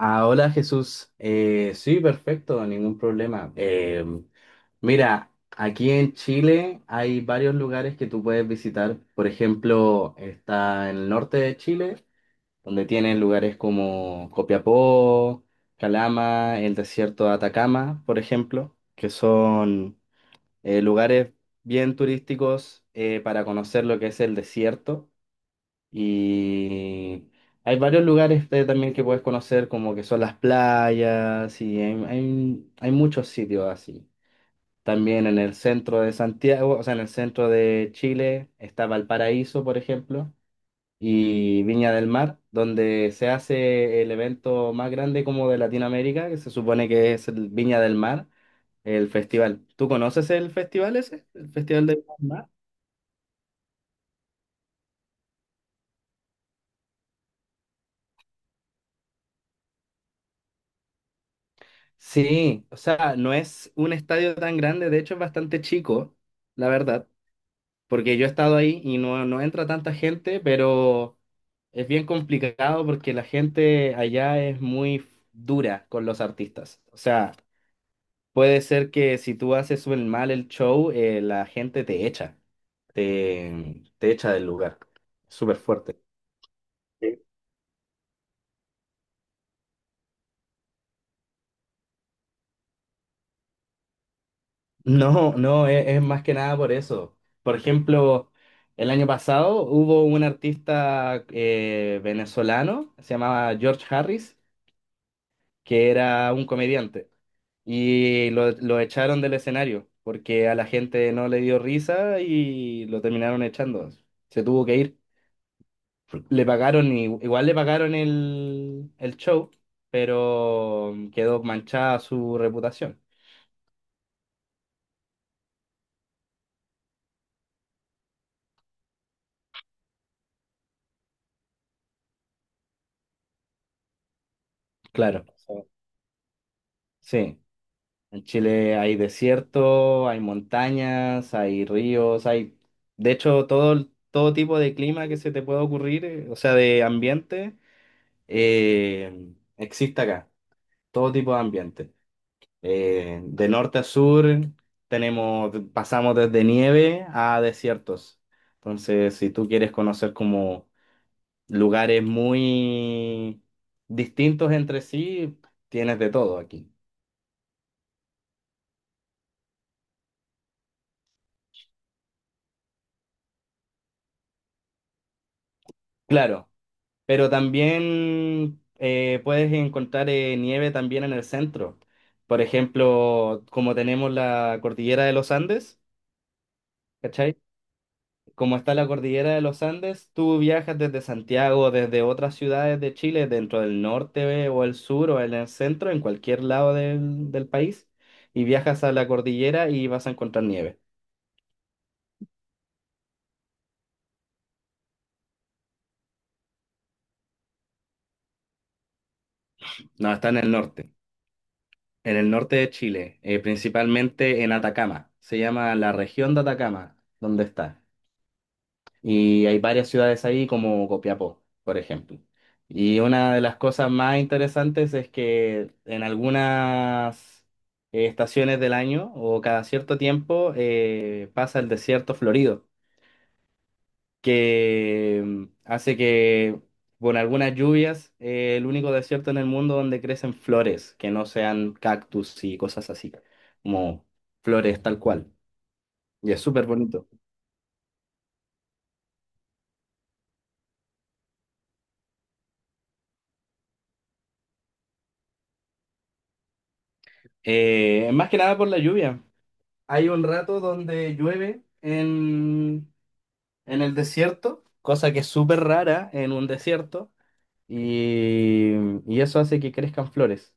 Ah, hola Jesús. Sí, perfecto, ningún problema. Mira, aquí en Chile hay varios lugares que tú puedes visitar. Por ejemplo, está en el norte de Chile, donde tienes lugares como Copiapó, Calama, el desierto de Atacama, por ejemplo, que son lugares bien turísticos para conocer lo que es el desierto. Y hay varios lugares también que puedes conocer, como que son las playas, y hay muchos sitios así. También en el centro de Santiago, o sea, en el centro de Chile, está Valparaíso, por ejemplo, y Viña del Mar, donde se hace el evento más grande como de Latinoamérica, que se supone que es el Viña del Mar, el festival. ¿Tú conoces el festival ese? ¿El Festival del Mar? Sí, o sea, no es un estadio tan grande, de hecho es bastante chico, la verdad, porque yo he estado ahí y no, no entra tanta gente, pero es bien complicado porque la gente allá es muy dura con los artistas. O sea, puede ser que si tú haces mal el show, la gente te echa, te echa del lugar. Súper fuerte. No, no, es más que nada por eso. Por ejemplo, el año pasado hubo un artista venezolano, se llamaba George Harris, que era un comediante, y lo echaron del escenario porque a la gente no le dio risa y lo terminaron echando. Se tuvo que ir. Le pagaron, igual le pagaron el show, pero quedó manchada su reputación. Claro, sí. En Chile hay desierto, hay montañas, hay ríos, hay, de hecho, todo, todo tipo de clima que se te pueda ocurrir, o sea, de ambiente, existe acá, todo tipo de ambiente. De norte a sur tenemos, pasamos desde nieve a desiertos. Entonces, si tú quieres conocer como lugares muy distintos entre sí, tienes de todo aquí. Claro. Pero también puedes encontrar nieve también en el centro. Por ejemplo, como tenemos la cordillera de los Andes, ¿cachai? Como está la cordillera de los Andes, tú viajas desde Santiago, desde otras ciudades de Chile, dentro del norte o el sur o en el centro, en cualquier lado del país, y viajas a la cordillera y vas a encontrar nieve. No, está en el norte de Chile, principalmente en Atacama. Se llama la región de Atacama, donde está. Y hay varias ciudades ahí como Copiapó, por ejemplo. Y una de las cosas más interesantes es que en algunas estaciones del año o cada cierto tiempo pasa el desierto florido, que hace que con algunas lluvias el único desierto en el mundo donde crecen flores, que no sean cactus y cosas así, como flores tal cual. Y es súper bonito. Más que nada por la lluvia. Hay un rato donde en el desierto, cosa que es súper rara en un desierto, y, y eso hace que crezcan flores.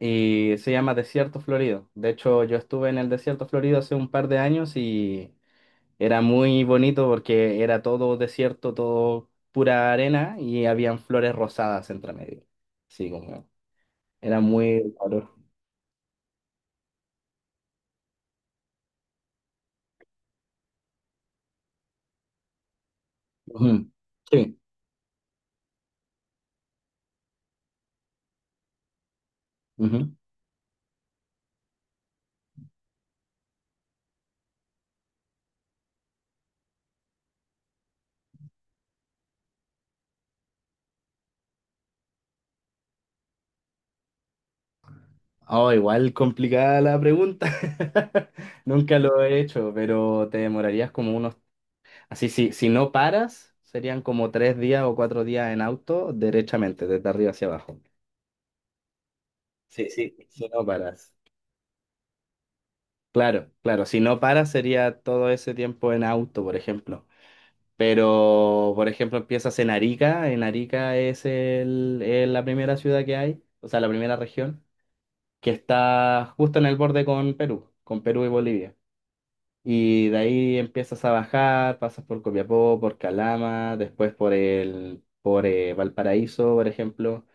Y se llama desierto florido. De hecho, yo estuve en el desierto florido hace un par de años y era muy bonito porque era todo desierto, todo pura arena y habían flores rosadas entre medio. Sí, como era muy raro. Ujú. Sí. Oh, igual complicada la pregunta. Nunca lo he hecho, pero te demorarías como unos. Así, si, si no paras, serían como 3 días o 4 días en auto, derechamente, desde arriba hacia abajo. Sí, sí, si no paras. Claro, claro, si no paras sería todo ese tiempo en auto, por ejemplo. Pero, por ejemplo, empiezas en Arica. En Arica es la primera ciudad que hay, o sea, la primera región, que está justo en el borde con Perú y Bolivia. Y de ahí empiezas a bajar, pasas por Copiapó, por Calama, después por Valparaíso, por ejemplo.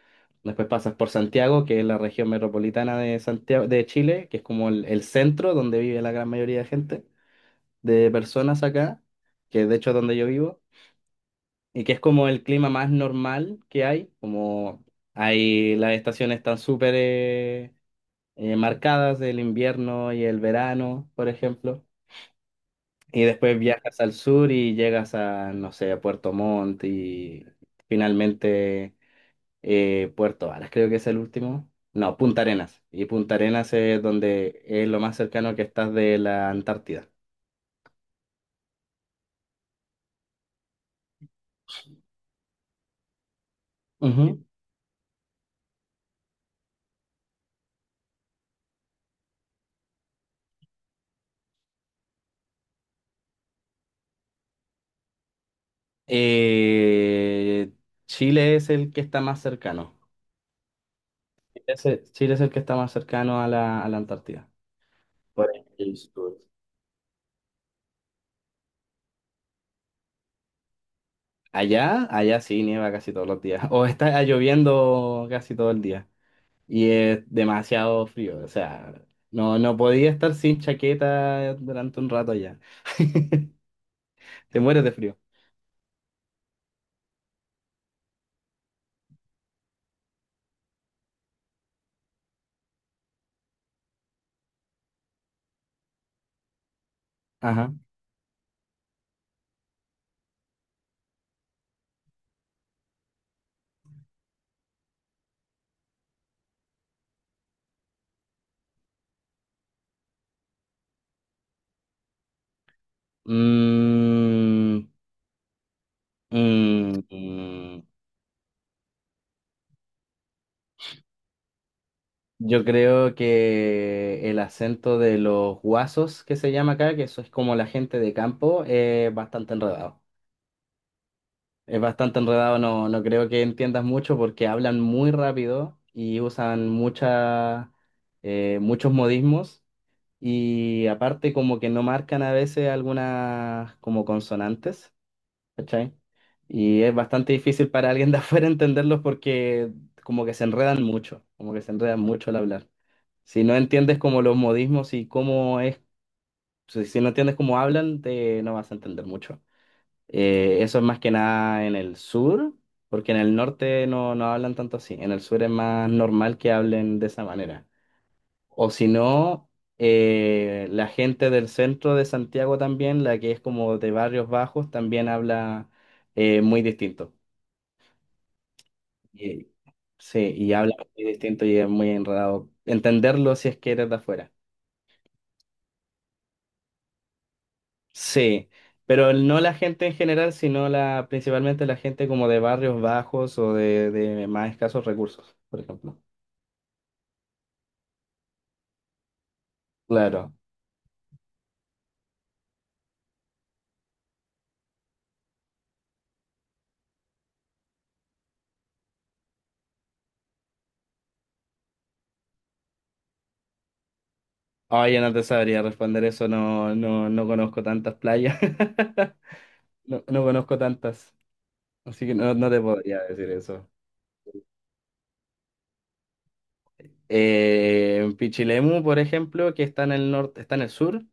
Después pasas por Santiago, que es la región metropolitana de Santiago, de Chile, que es como el centro donde vive la gran mayoría de gente, de personas acá, que de hecho es donde yo vivo, y que es como el clima más normal que hay, como hay las estaciones están súper marcadas, el invierno y el verano, por ejemplo. Y después viajas al sur y llegas a, no sé, a Puerto Montt y finalmente Puerto Varas, creo que es el último. No, Punta Arenas. Y Punta Arenas es donde es lo más cercano que estás de la Antártida. Ujú. Eh, Chile es el que está más cercano. Chile es el que está más cercano a la Antártida. Por el sur. Allá, allá sí nieva casi todos los días. O está lloviendo casi todo el día. Y es demasiado frío. O sea, no, no podía estar sin chaqueta durante un rato allá. Te mueres de frío. Ajá. Mm, mm, mm. Yo creo que el acento de los guasos que se llama acá, que eso es como la gente de campo, es bastante enredado. Es bastante enredado, no, no creo que entiendas mucho porque hablan muy rápido y usan muchas muchos modismos. Y aparte como que no marcan a veces algunas como consonantes, ¿cachai? Y es bastante difícil para alguien de afuera entenderlos porque como que se enredan mucho al hablar. Si no entiendes como los modismos y cómo es, si no entiendes cómo hablan, te no vas a entender mucho. Eso es más que nada en el sur, porque en el norte no, no hablan tanto así. En el sur es más normal que hablen de esa manera. O si no, la gente del centro de Santiago también, la que es como de barrios bajos, también habla muy distinto. Y- sí, y habla muy distinto y es muy enredado. Entenderlo si es que eres de afuera. Sí, pero no la gente en general, sino la, principalmente la gente como de barrios bajos o de más escasos recursos, por ejemplo. Claro. Oye, no te sabría responder eso, no, no, no conozco tantas playas. No, no conozco tantas. Así que no, no te podría decir eso. Pichilemu, por ejemplo, que está en el sur,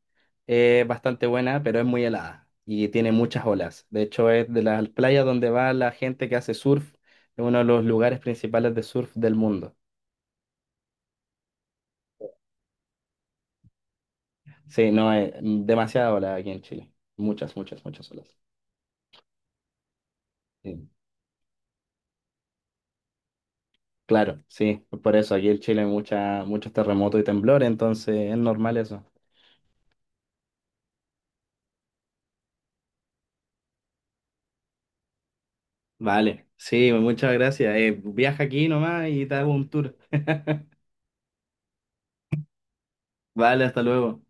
es bastante buena, pero es muy helada y tiene muchas olas. De hecho, es de las playas donde va la gente que hace surf, es uno de los lugares principales de surf del mundo. Sí, no, es demasiada ola aquí en Chile. Muchas, muchas, muchas olas. Sí. Claro, sí, por eso aquí en Chile hay muchos terremotos y temblores, entonces es normal eso. Vale, sí, muchas gracias. Viaja aquí nomás y te hago un tour. Vale, hasta luego.